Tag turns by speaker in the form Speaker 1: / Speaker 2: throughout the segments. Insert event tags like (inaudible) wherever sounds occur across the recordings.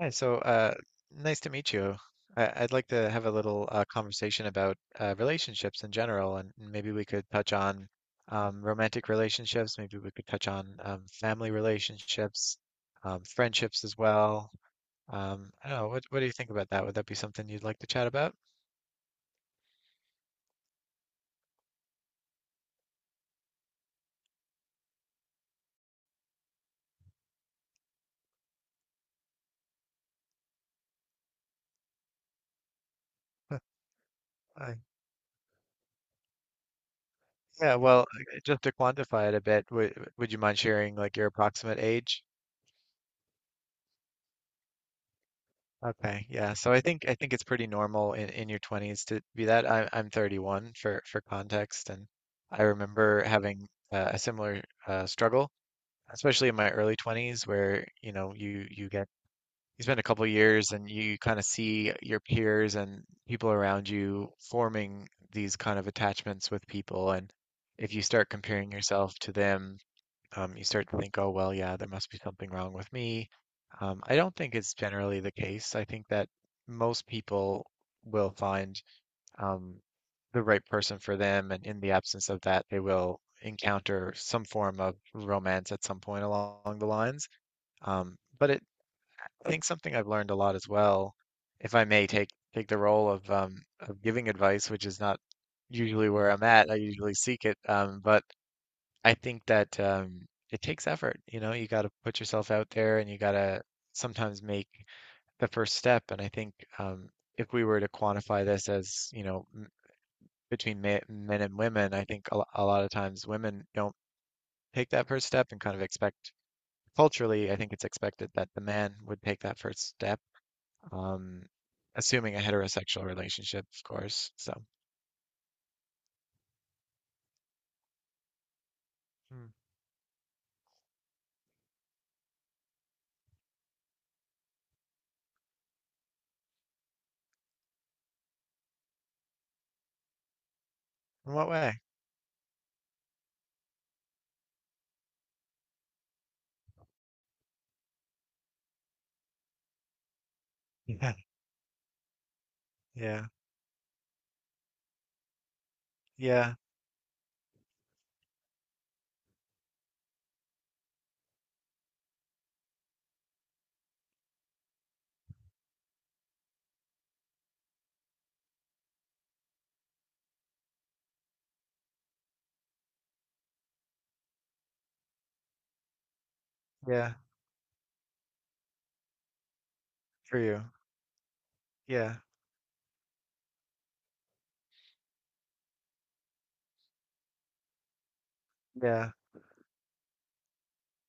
Speaker 1: Hi, nice to meet you. I'd like to have a little conversation about relationships in general, and maybe we could touch on romantic relationships. Maybe we could touch on family relationships, friendships as well. I don't know. What do you think about that? Would that be something you'd like to chat about? Uh, yeah, well, just to quantify it a bit, would you mind sharing like your approximate age? Okay, yeah. So I think it's pretty normal in your 20s to be that. I'm 31 for context, and I remember having a similar struggle, especially in my early 20s, where you know you get you spend a couple years and you kind of see your peers and people around you forming these kind of attachments with people, and if you start comparing yourself to them you start to think, oh, well, yeah, there must be something wrong with me. I don't think it's generally the case. I think that most people will find um, the right person for them, and in the absence of that, they will encounter some form of romance at some point along the lines. Um, but it, I think something I've learned a lot as well, if I may take the role of giving advice, which is not usually where I'm at. I usually seek it, but I think that it takes effort. You know, you got to put yourself out there and you got to sometimes make the first step. And I think um, if we were to quantify this as, you know, m between ma men and women, I think a lot of times women don't take that first step and kind of expect culturally, I think it's expected that the man would take that first step, um, assuming a heterosexual relationship, of course. So, hmm. In what way? (laughs) Yeah, yeah, yeah, yeah, for you. Yeah, yeah.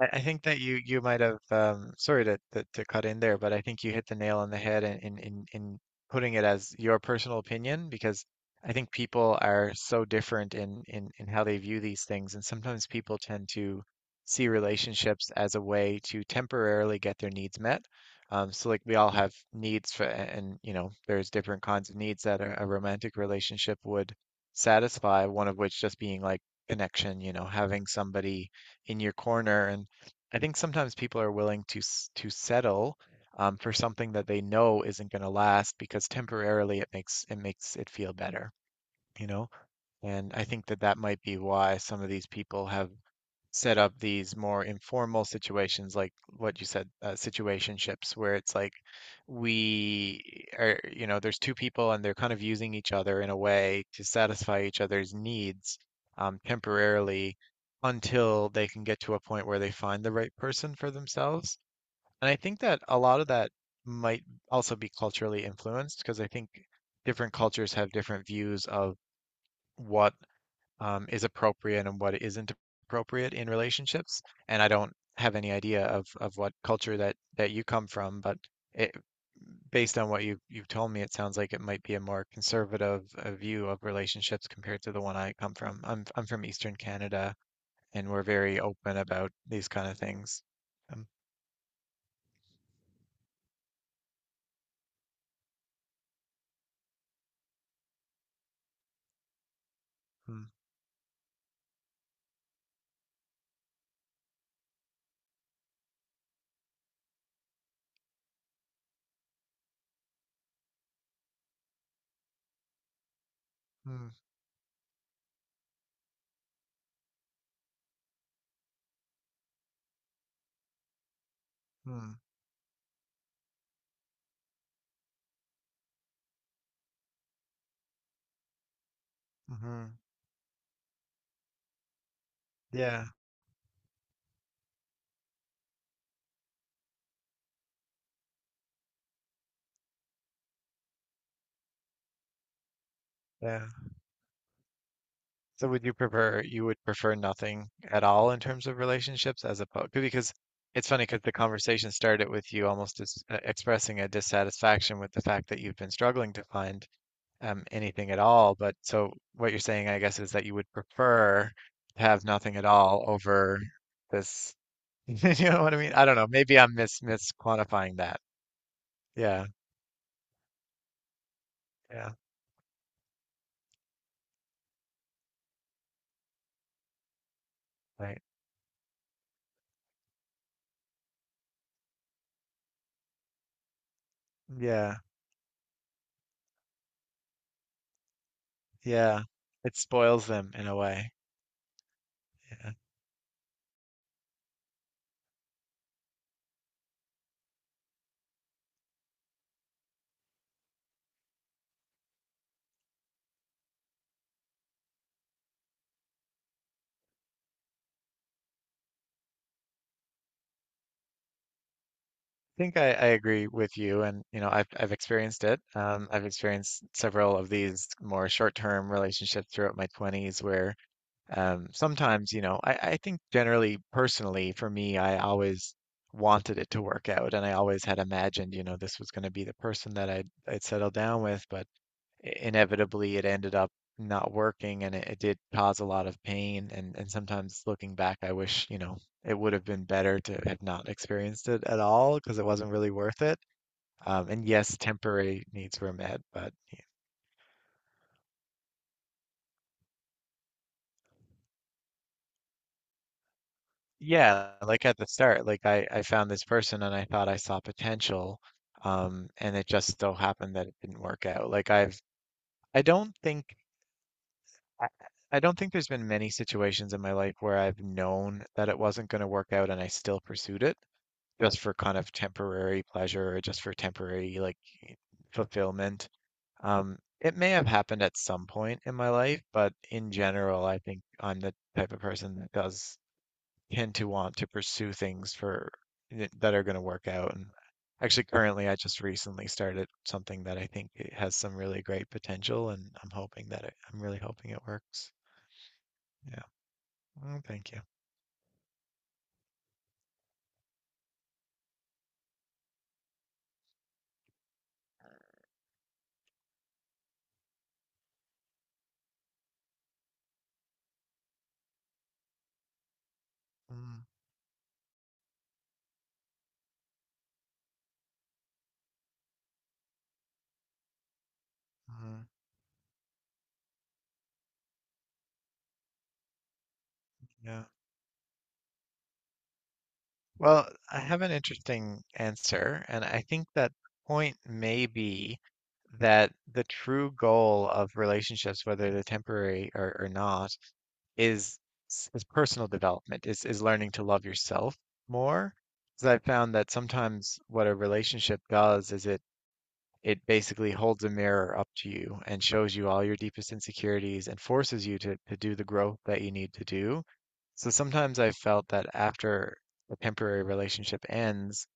Speaker 1: I think that you might have sorry to, to cut in there, but I think you hit the nail on the head in putting it as your personal opinion because I think people are so different in how they view these things, and sometimes people tend to see relationships as a way to temporarily get their needs met. So like we all have needs for, and you know, there's different kinds of needs that a romantic relationship would satisfy, one of which just being like connection, you know, having somebody in your corner. And I think sometimes people are willing to to settle for something that they know isn't going to last because temporarily it makes it feel better, you know? And I think that that might be why some of these people have set up these more informal situations like what you said situationships where it's like we are, you know, there's two people and they're kind of using each other in a way to satisfy each other's needs temporarily until they can get to a point where they find the right person for themselves. And I think that a lot of that might also be culturally influenced because I think different cultures have different views of what is appropriate and what isn't appropriate in relationships. And I don't have any idea of what culture that you come from, but it, based on what you you've told me, it sounds like it might be a more conservative view of relationships compared to the one I come from. I'm from Eastern Canada, and we're very open about these kind of things. Um, mm, mm, mm, mhm. Yeah, yeah. So would you prefer you would prefer nothing at all in terms of relationships as opposed because it's funny because the conversation started with you almost dis expressing a dissatisfaction with the fact that you've been struggling to find anything at all. But so what you're saying, I guess, is that you would prefer to have nothing at all over this. (laughs) You know what I mean? I don't know. Maybe I'm misquantifying that. Yeah, yeah, right. Yeah, yeah. It spoils them in a way. Yeah. think I agree with you, and you know, I've experienced it. I've experienced several of these more short-term relationships throughout my 20s where sometimes, you know, I think generally, personally, for me, I always wanted it to work out, and I always had imagined, you know, this was going to be the person that I'd settle down with, but inevitably it ended up not working, and it did cause a lot of pain. And sometimes looking back, I wish, you know, it would have been better to have not experienced it at all because it wasn't really worth it, and yes, temporary needs were met. But yeah, like at the start, like I found this person and I thought I saw potential, and it just so happened that it didn't work out. Like I've I don't think I I don't think there's been many situations in my life where I've known that it wasn't going to work out and I still pursued it. Just for kind of temporary pleasure or just for temporary like fulfillment. It may have happened at some point in my life, but in general, I think I'm the type of person that does tend to want to pursue things for that are going to work out. And actually, currently, I just recently started something that I think it has some really great potential, and I'm hoping that I'm really hoping it works. Yeah. Mm, thank you. Mm-hmm. Yeah. Well, I have an interesting answer, and I think that point may be that the true goal of relationships, whether they're temporary or not, is is personal development, is learning to love yourself more. Because I found that sometimes what a relationship does is it it basically holds a mirror up to you and shows you all your deepest insecurities and forces you to do the growth that you need to do. So sometimes I've felt that after a temporary relationship ends,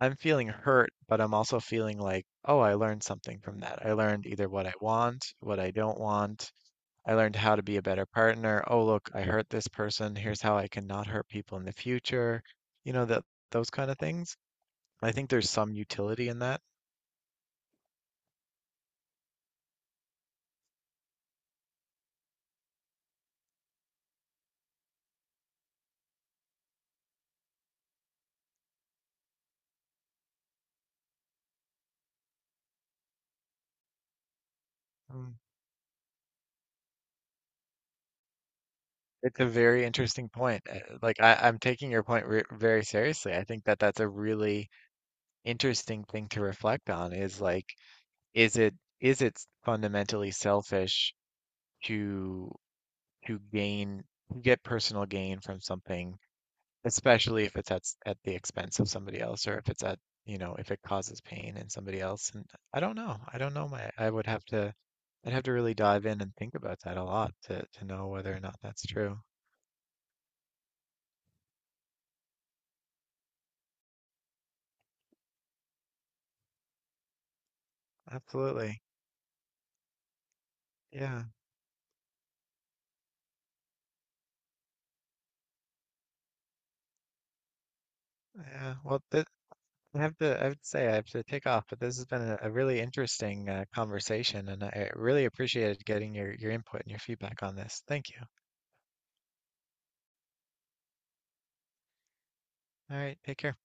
Speaker 1: I'm feeling hurt, but I'm also feeling like, oh, I learned something from that. I learned either what I want, what I don't want. I learned how to be a better partner. Oh, look, I hurt this person. Here's how I can not hurt people in the future. You know, that those kind of things. I think there's some utility in that. Hmm. It's a very interesting point. Like I'm taking your point re very seriously. I think that that's a really interesting thing to reflect on is like, is it is it fundamentally selfish to gain to get personal gain from something, especially if it's at at the expense of somebody else or if it's at, you know, if it causes pain in somebody else. And I don't know. I don't know my I would have to I'd have to really dive in and think about that a lot to know whether or not that's true. Absolutely. Yeah. Yeah, well, th I have to say, I have to take off, but this has been a really interesting conversation, and I really appreciated getting your input and your feedback on this. Thank you. All right, take care.